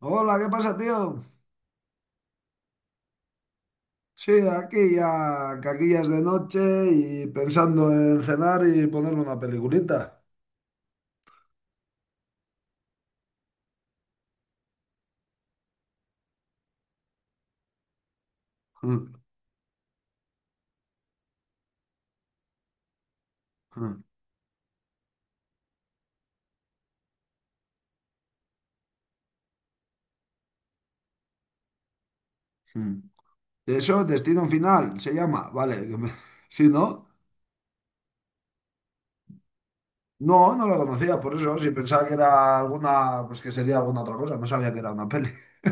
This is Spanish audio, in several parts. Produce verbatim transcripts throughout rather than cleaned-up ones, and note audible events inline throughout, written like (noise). Hola, ¿qué pasa, tío? Sí, aquí ya, que aquí ya es de noche y pensando en cenar y ponerme una peliculita. Mm, mm, mm. Eso, Destino Final, se llama, vale. que me- (laughs) Sí, ¿no? No, no lo conocía, por eso, si pensaba que era alguna, pues que sería alguna otra cosa, no sabía que era una peli. (laughs)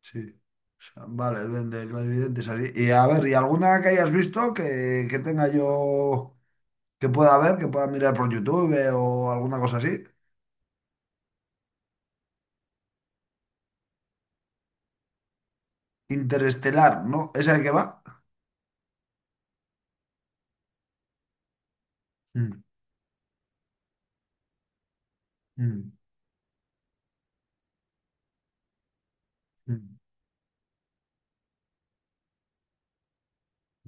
Sí. O sea, vale, ven de clarividentes así. Y a ver, ¿y alguna que hayas visto que, que tenga yo, que pueda ver, que pueda mirar por YouTube eh, o alguna cosa así? Interestelar, ¿no? ¿Es el que va? Mm, mm, mm,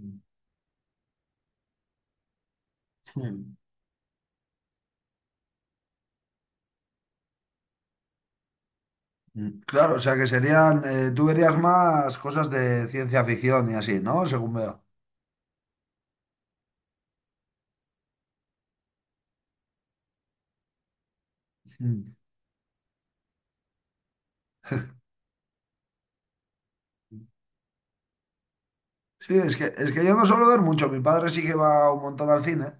mm, mm, mm. Claro, o sea que serían, eh, tú verías más cosas de ciencia ficción y así, ¿no? Según veo. Mm. Sí, es que, es que yo no suelo ver mucho, mi padre sí que va un montón al cine,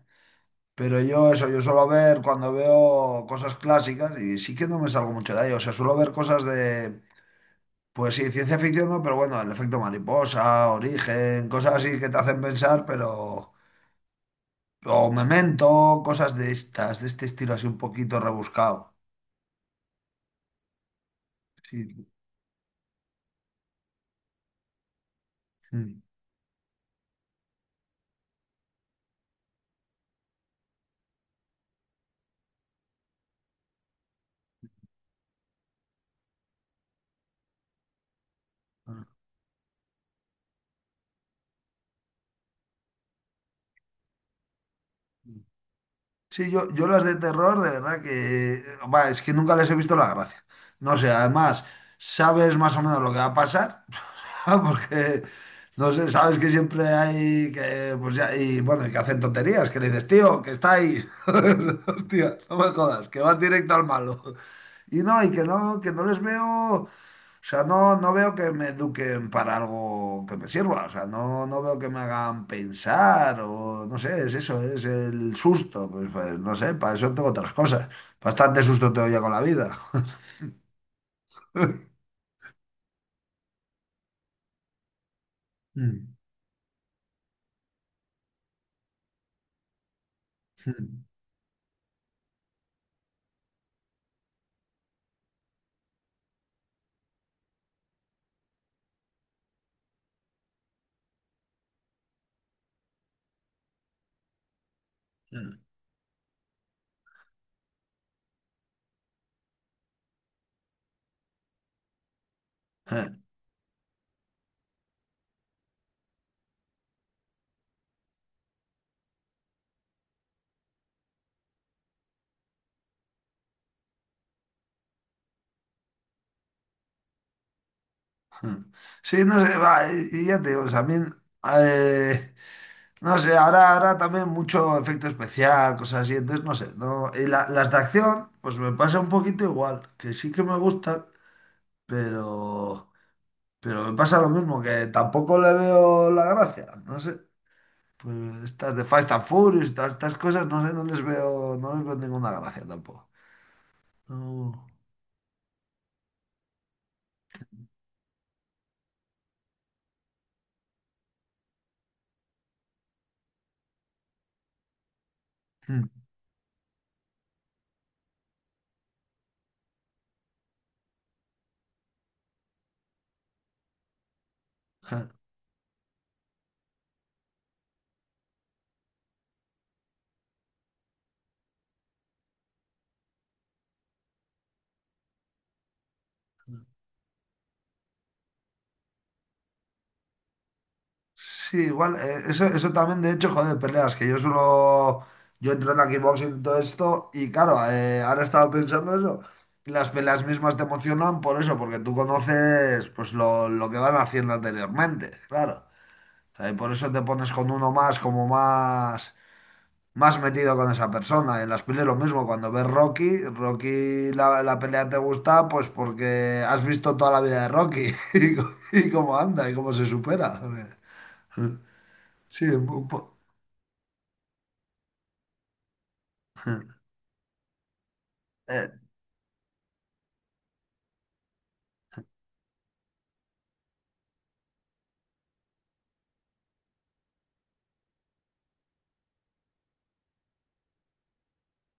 pero yo eso, yo suelo ver cuando veo cosas clásicas y sí que no me salgo mucho de ahí, o sea, suelo ver cosas de, pues sí, ciencia ficción, ¿no? Pero bueno, el efecto mariposa, origen, cosas así que te hacen pensar, pero... O Memento, cosas de estas, de este estilo así un poquito rebuscado. Sí, mm. Ah. Sí, yo, yo las de terror, de verdad que... Va, es que nunca les he visto la gracia. No sé, además, sabes más o menos lo que va a pasar, (laughs) porque, no sé, sabes que siempre hay que... Pues ya, y bueno, y que hacen tonterías, que le dices, tío, que está ahí. (laughs) Hostia, no me jodas, que vas directo al malo. Y no, y que no, que no les veo... O sea, no, no veo que me eduquen para algo que me sirva. O sea, no, no veo que me hagan pensar o no sé, es eso, es el susto. Pues, pues, no sé, para eso tengo otras cosas. Bastante susto tengo ya con la vida. (laughs) Mm, mm, mm, mm, mm. Sí, no sé, va, y y ya te digo, también, eh, no sé, ahora, ahora también mucho efecto especial, cosas así, entonces no sé, no, y la- las de acción, pues me pasa un poquito igual, que sí que me gustan, pero... Pero me pasa lo mismo, que tampoco le veo la gracia. No sé. Pues estas de Fast and Furious, estas, estas cosas, no sé, no les veo, no les veo ninguna gracia tampoco. No. Mm. Ja. Sí, igual, eh, eso, eso también, de hecho, joder, peleas, que yo solo, yo entreno aquí boxing y todo esto, y claro, eh, ahora he estado pensando eso, las peleas mismas te emocionan por eso, porque tú conoces, pues, lo, lo que van haciendo anteriormente, claro. O sea, y por eso te pones con uno más, como más, más metido con esa persona. En las pelis lo mismo, cuando ves Rocky, Rocky la, la pelea te gusta, pues porque has visto toda la vida de Rocky (laughs) y, co- y cómo anda y cómo se supera. Sí, un po- Eh,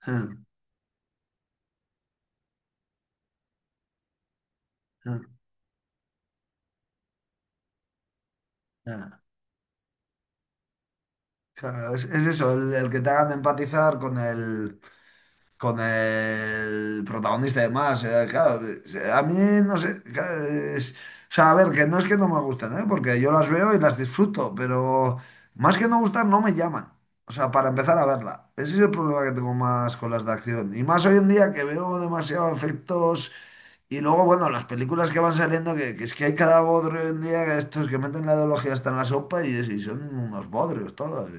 eh, eh, eh. Claro, es, es eso, el, el que te hagan empatizar con el, con el protagonista de más. Eh, claro, eh, a mí no sé. Claro, es- o sea, a ver, que no es que no me gusten, ¿eh? Porque yo las veo y las disfruto, pero más que no gustar, no me llaman. O sea, para empezar a verla. Ese es el problema que tengo más con las de acción. Y más hoy en día que veo demasiados efectos. Y luego, bueno, las películas que van saliendo, que, que es que hay cada bodrio hoy en día, que estos que meten la ideología hasta en la sopa y, es- y son unos bodrios todos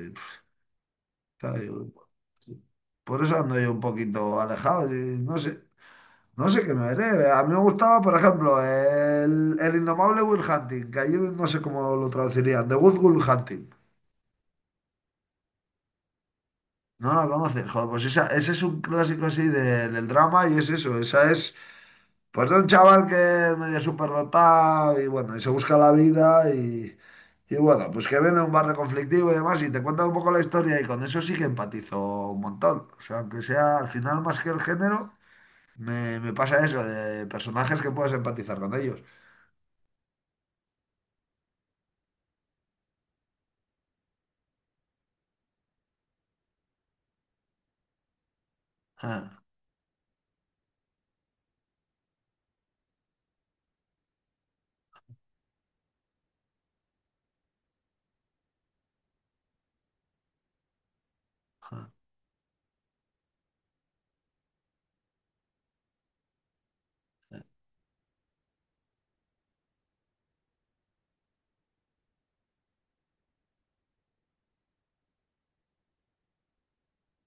sea, digo, sí. Por eso ando yo un poquito alejado. Y no sé, no sé, qué me veré. A mí me gustaba, por ejemplo, el, el Indomable Will Hunting, que allí no sé cómo lo traducirían. The Good Will Hunting. No la conoces, joder, pues esa, ese es un clásico así de- del drama y es eso, esa es pues de un chaval que es medio superdotado y bueno, y se busca la vida y, y bueno, pues que viene de un barrio conflictivo y demás y te cuenta un poco la historia y con eso sí que empatizo un montón, o sea, aunque sea al final más que el género. Me, me pasa eso, de personajes que puedas empatizar con ellos. Ah, ah.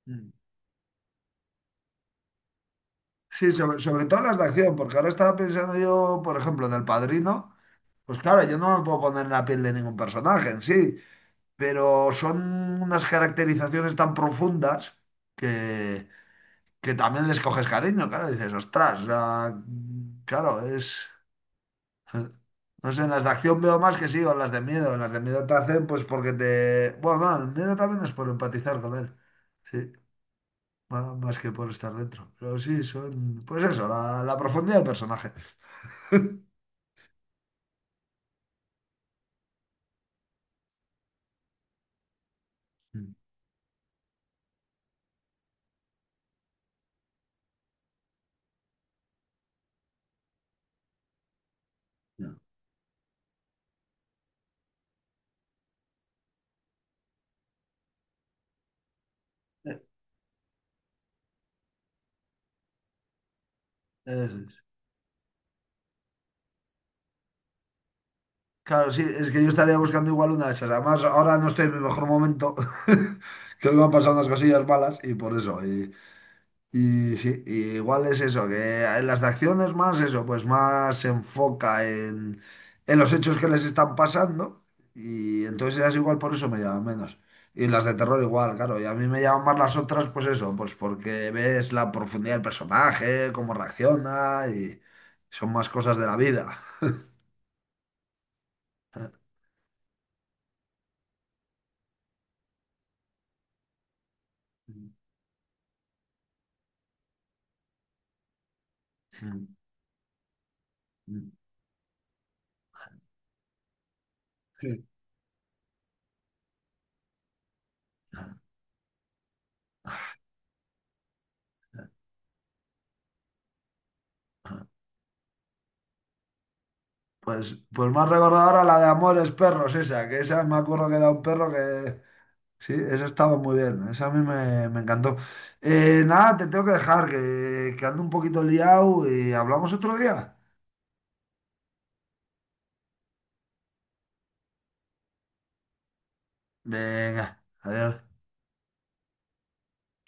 Mm. Sí, sobre, sobre todo las de acción, porque ahora estaba pensando yo, por ejemplo, en El Padrino. Pues claro, yo no me puedo poner en la piel de ningún personaje en sí, pero son unas caracterizaciones tan profundas que, que también les coges cariño, claro, dices, ostras, o sea, claro, es... No sé, en las de acción veo más que sí, o en las de miedo. En las de miedo te hacen, pues porque te. Bueno, no, el miedo también es por empatizar con él. Sí, ma- más que por estar dentro. Pero sí, son. Pues eso, la, la profundidad del personaje. (laughs) Mm. No. Eh, Eso es. Claro, sí, es que yo estaría buscando igual una de esas. Además, ahora no estoy en mi mejor momento, (laughs) que me han pasado unas cosillas malas y por eso. Y, sí, y igual es eso, que en las de acciones más eso, pues más se enfoca en, en los hechos que les están pasando y entonces ellas igual por eso me llaman menos. Y las de terror igual, claro, y a mí me llaman más las otras, pues eso, pues porque ves la profundidad del personaje, cómo reacciona y son más cosas de la vida. Sí. Pues, pues más recordadora la de Amores Perros, esa, que esa me acuerdo que era un perro que... Sí, esa estaba muy bien, esa a mí me, me encantó. Eh, nada, te tengo que dejar, que, que ando un poquito liado y hablamos otro día. Venga, adiós.